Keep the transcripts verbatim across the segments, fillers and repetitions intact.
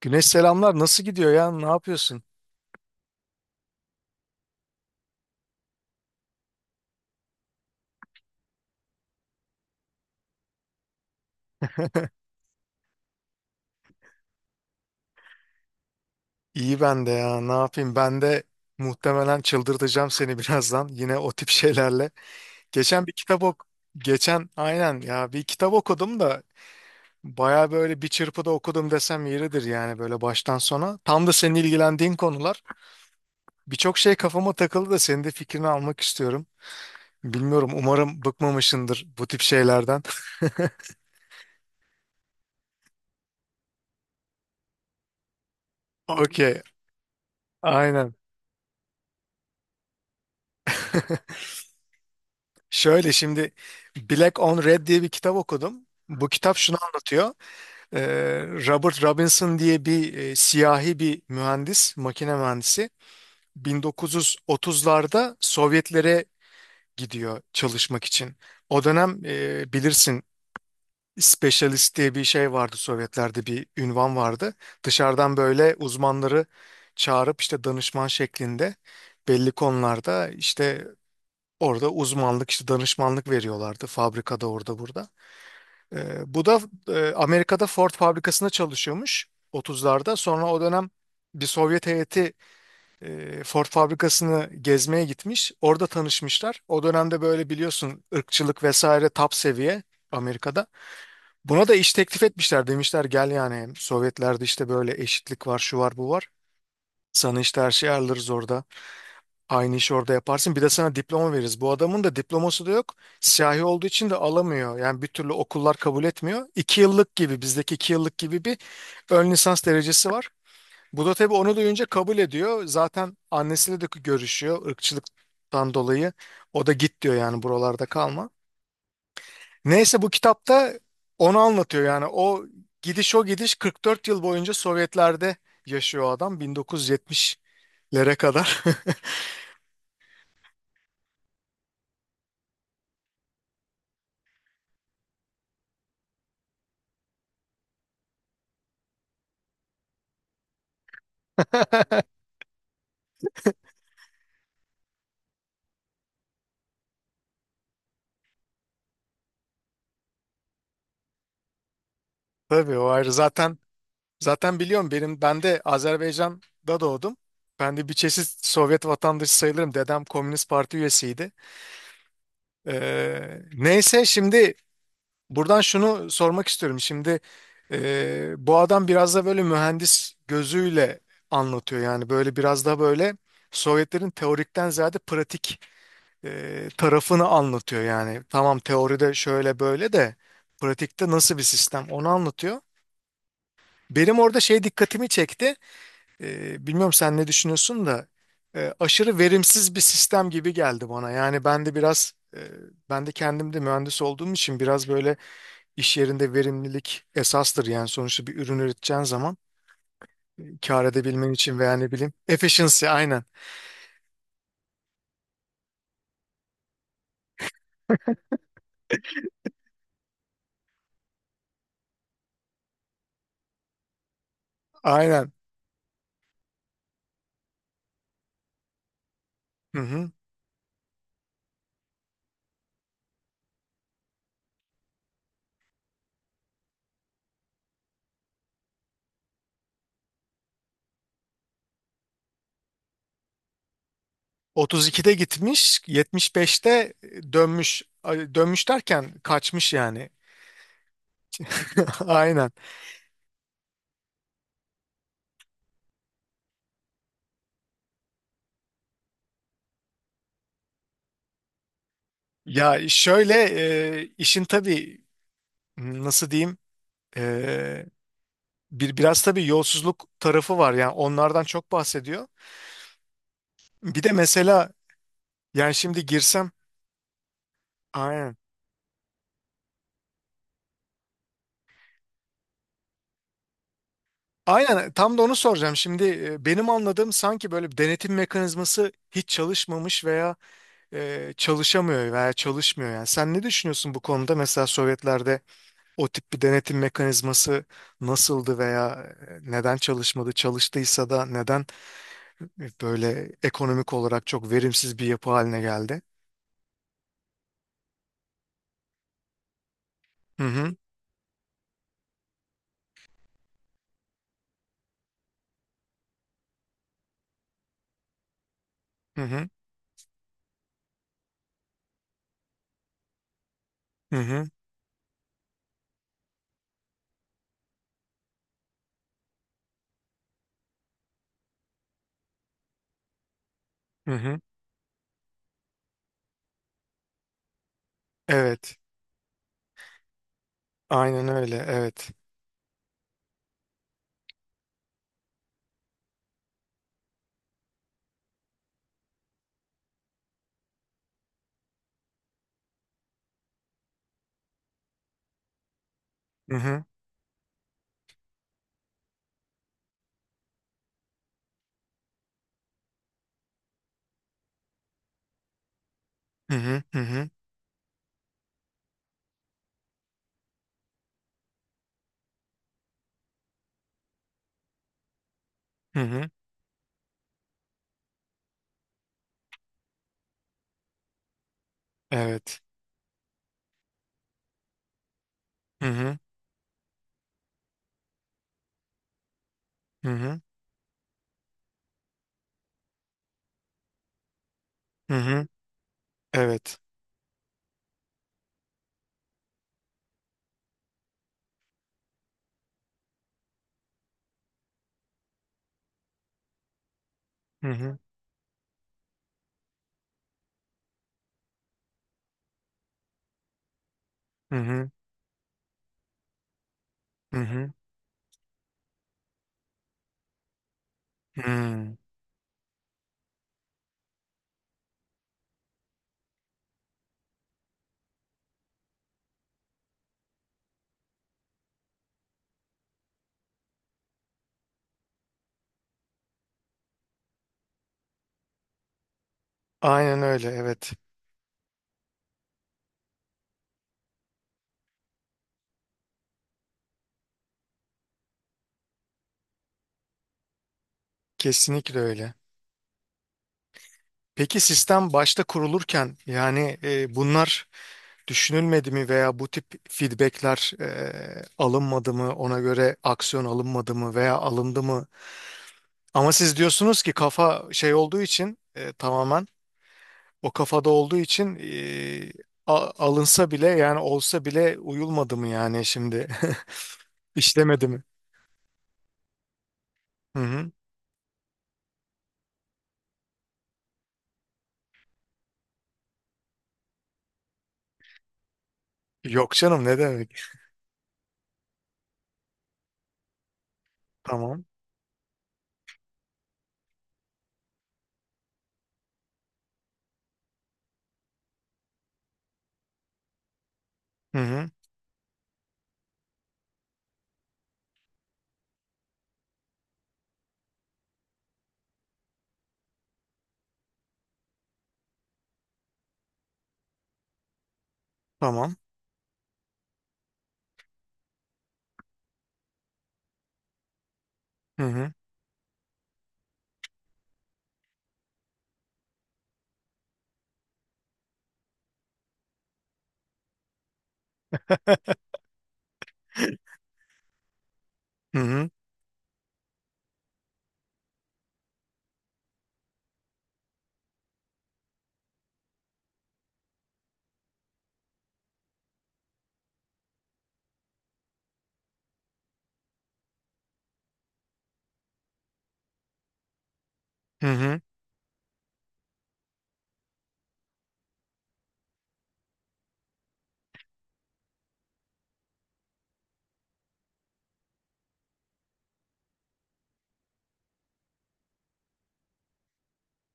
Güneş selamlar. Nasıl gidiyor ya? Ne yapıyorsun? İyi ben de ya. Ne yapayım? Ben de muhtemelen çıldırtacağım seni birazdan. Yine o tip şeylerle. Geçen bir kitap ok Geçen aynen ya bir kitap okudum da baya böyle bir çırpıda okudum desem yeridir yani böyle baştan sona. Tam da senin ilgilendiğin konular. Birçok şey kafama takıldı da senin de fikrini almak istiyorum. Bilmiyorum, umarım bıkmamışsındır bu tip şeylerden. Okey. Aynen. Şöyle şimdi, Black on Red diye bir kitap okudum. Bu kitap şunu anlatıyor. Ee, Robert Robinson diye bir e, siyahi bir mühendis, makine mühendisi, bin dokuz yüz otuzlarda Sovyetlere gidiyor çalışmak için. O dönem e, bilirsin, specialist diye bir şey vardı, Sovyetlerde bir ünvan vardı. Dışarıdan böyle uzmanları çağırıp işte danışman şeklinde belli konularda, işte orada uzmanlık, işte danışmanlık veriyorlardı fabrikada, orada burada. Ee, bu da e, Amerika'da Ford fabrikasında çalışıyormuş otuzlarda. Sonra o dönem bir Sovyet heyeti e, Ford fabrikasını gezmeye gitmiş. Orada tanışmışlar. O dönemde böyle, biliyorsun, ırkçılık vesaire top seviye Amerika'da. Buna da iş teklif etmişler, demişler gel, yani Sovyetlerde işte böyle eşitlik var, şu var, bu var. Sana işte her şeyi ayarlarız orada. Aynı işi orada yaparsın. Bir de sana diploma veririz. Bu adamın da diploması da yok. Siyahi olduğu için de alamıyor. Yani bir türlü okullar kabul etmiyor. İki yıllık gibi, bizdeki iki yıllık gibi bir ön lisans derecesi var. Bu da tabii onu duyunca kabul ediyor. Zaten annesiyle de görüşüyor ırkçılıktan dolayı. O da git diyor yani, buralarda kalma. Neyse, bu kitapta onu anlatıyor yani. O gidiş o gidiş, kırk dört yıl boyunca Sovyetler'de yaşıyor adam, bin dokuz yüz yetmişlere kadar. Tabii o ayrı zaten. Zaten biliyorum, benim ben de Azerbaycan'da doğdum. Ben de bir çeşit Sovyet vatandaşı sayılırım. Dedem Komünist Parti üyesiydi. Ee, neyse şimdi buradan şunu sormak istiyorum. Şimdi e, bu adam biraz da böyle mühendis gözüyle anlatıyor. Yani böyle biraz da böyle Sovyetlerin teorikten ziyade pratik e, tarafını anlatıyor. Yani tamam, teoride şöyle böyle de pratikte nasıl bir sistem, onu anlatıyor. Benim orada şey dikkatimi çekti. E, bilmiyorum sen ne düşünüyorsun da e, aşırı verimsiz bir sistem gibi geldi bana. Yani ben de biraz e, ben de kendim de mühendis olduğum için, biraz böyle iş yerinde verimlilik esastır. Yani sonuçta bir ürün üreteceğin zaman e, kar edebilmen için, veya ne bileyim, efficiency aynen. Aynen. Hı hı. otuz ikide gitmiş, yetmiş beşte dönmüş. Ay, dönmüş derken kaçmış yani. Aynen. Ya şöyle, e, işin tabii nasıl diyeyim, bir biraz tabii yolsuzluk tarafı var yani, onlardan çok bahsediyor. Bir de mesela, yani şimdi girsem, aynen. Aynen, tam da onu soracağım. Şimdi e, benim anladığım, sanki böyle bir denetim mekanizması hiç çalışmamış veya e, çalışamıyor veya çalışmıyor yani. Sen ne düşünüyorsun bu konuda? Mesela Sovyetlerde o tip bir denetim mekanizması nasıldı veya e, neden çalışmadı? Çalıştıysa da neden e, böyle ekonomik olarak çok verimsiz bir yapı haline geldi? Hı hı. Hı hı. Hı hı. Hı hı. Evet. Aynen öyle. Evet. Hı hı. Hı hı. Hı hı. Hı hı. Evet. Hı hı. Hı hı. Hı hı. Evet. Hı hı. Hı hı. Hı hı. Hı. Aynen öyle. Evet. Kesinlikle öyle. Peki sistem başta kurulurken, yani e, bunlar düşünülmedi mi veya bu tip feedbackler e, alınmadı mı? Ona göre aksiyon alınmadı mı veya alındı mı? Ama siz diyorsunuz ki kafa şey olduğu için, e, tamamen o kafada olduğu için, eee, a- alınsa bile, yani olsa bile uyulmadı mı, yani şimdi işlemedi mi? Hı hı. Yok canım, ne demek? Tamam. Hı hı. Tamam. Hı hı. Hı hı. Hı hı.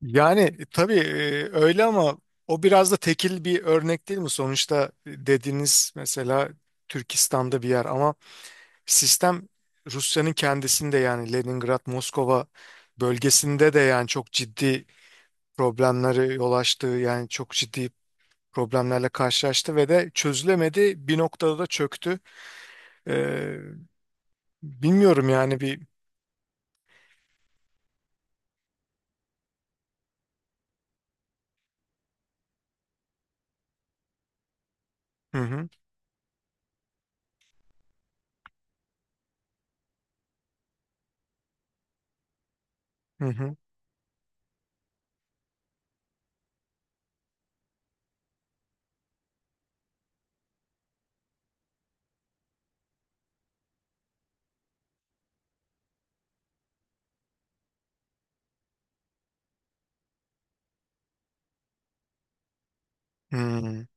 Yani tabii eee, öyle, ama o biraz da tekil bir örnek değil mi? Sonuçta dediğiniz mesela Türkistan'da bir yer, ama sistem Rusya'nın kendisinde, yani Leningrad, Moskova bölgesinde de yani çok ciddi problemleri yol açtı. Yani çok ciddi problemlerle karşılaştı ve de çözülemedi. Bir noktada da çöktü. Ee, bilmiyorum yani bir hı hı hı hı hı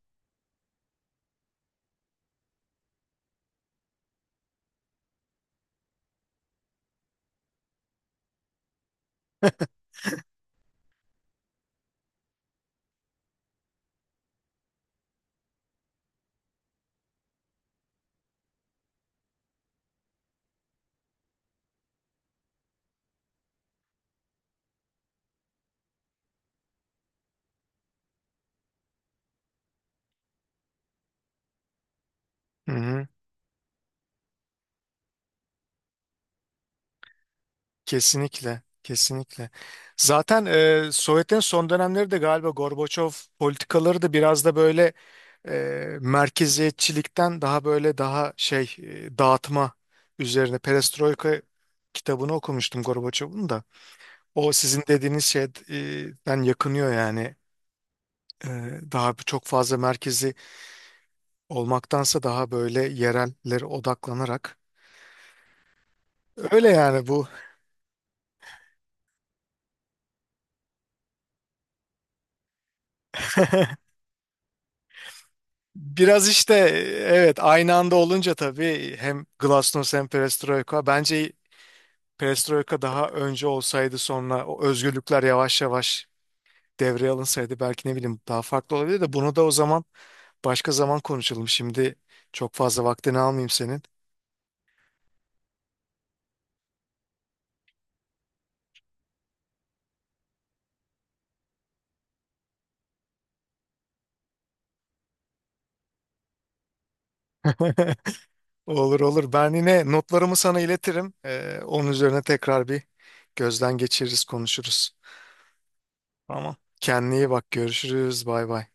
hı. Hı. Kesinlikle. Kesinlikle. Zaten e, Sovyetlerin son dönemleri de, galiba Gorbaçov politikaları da biraz da böyle e, merkeziyetçilikten daha böyle, daha şey, e, dağıtma üzerine. Perestroika kitabını okumuştum Gorbaçov'un da. O sizin dediğiniz şeyden yakınıyor yani. Ee, Daha bir- çok fazla merkezi olmaktansa daha böyle yerellere odaklanarak. Öyle yani bu. Biraz işte e, evet, aynı anda olunca tabii hem Glasnost hem Perestroika. Bence Perestroika daha önce olsaydı, sonra o özgürlükler yavaş yavaş devreye alınsaydı belki, ne bileyim, daha farklı olabilir de bunu da o zaman, başka zaman konuşalım. Şimdi çok fazla vaktini almayayım senin. Olur olur. Ben yine notlarımı sana iletirim. Ee, onun üzerine tekrar bir gözden geçiririz, konuşuruz. Tamam. Kendine iyi bak. Görüşürüz. Bay bay.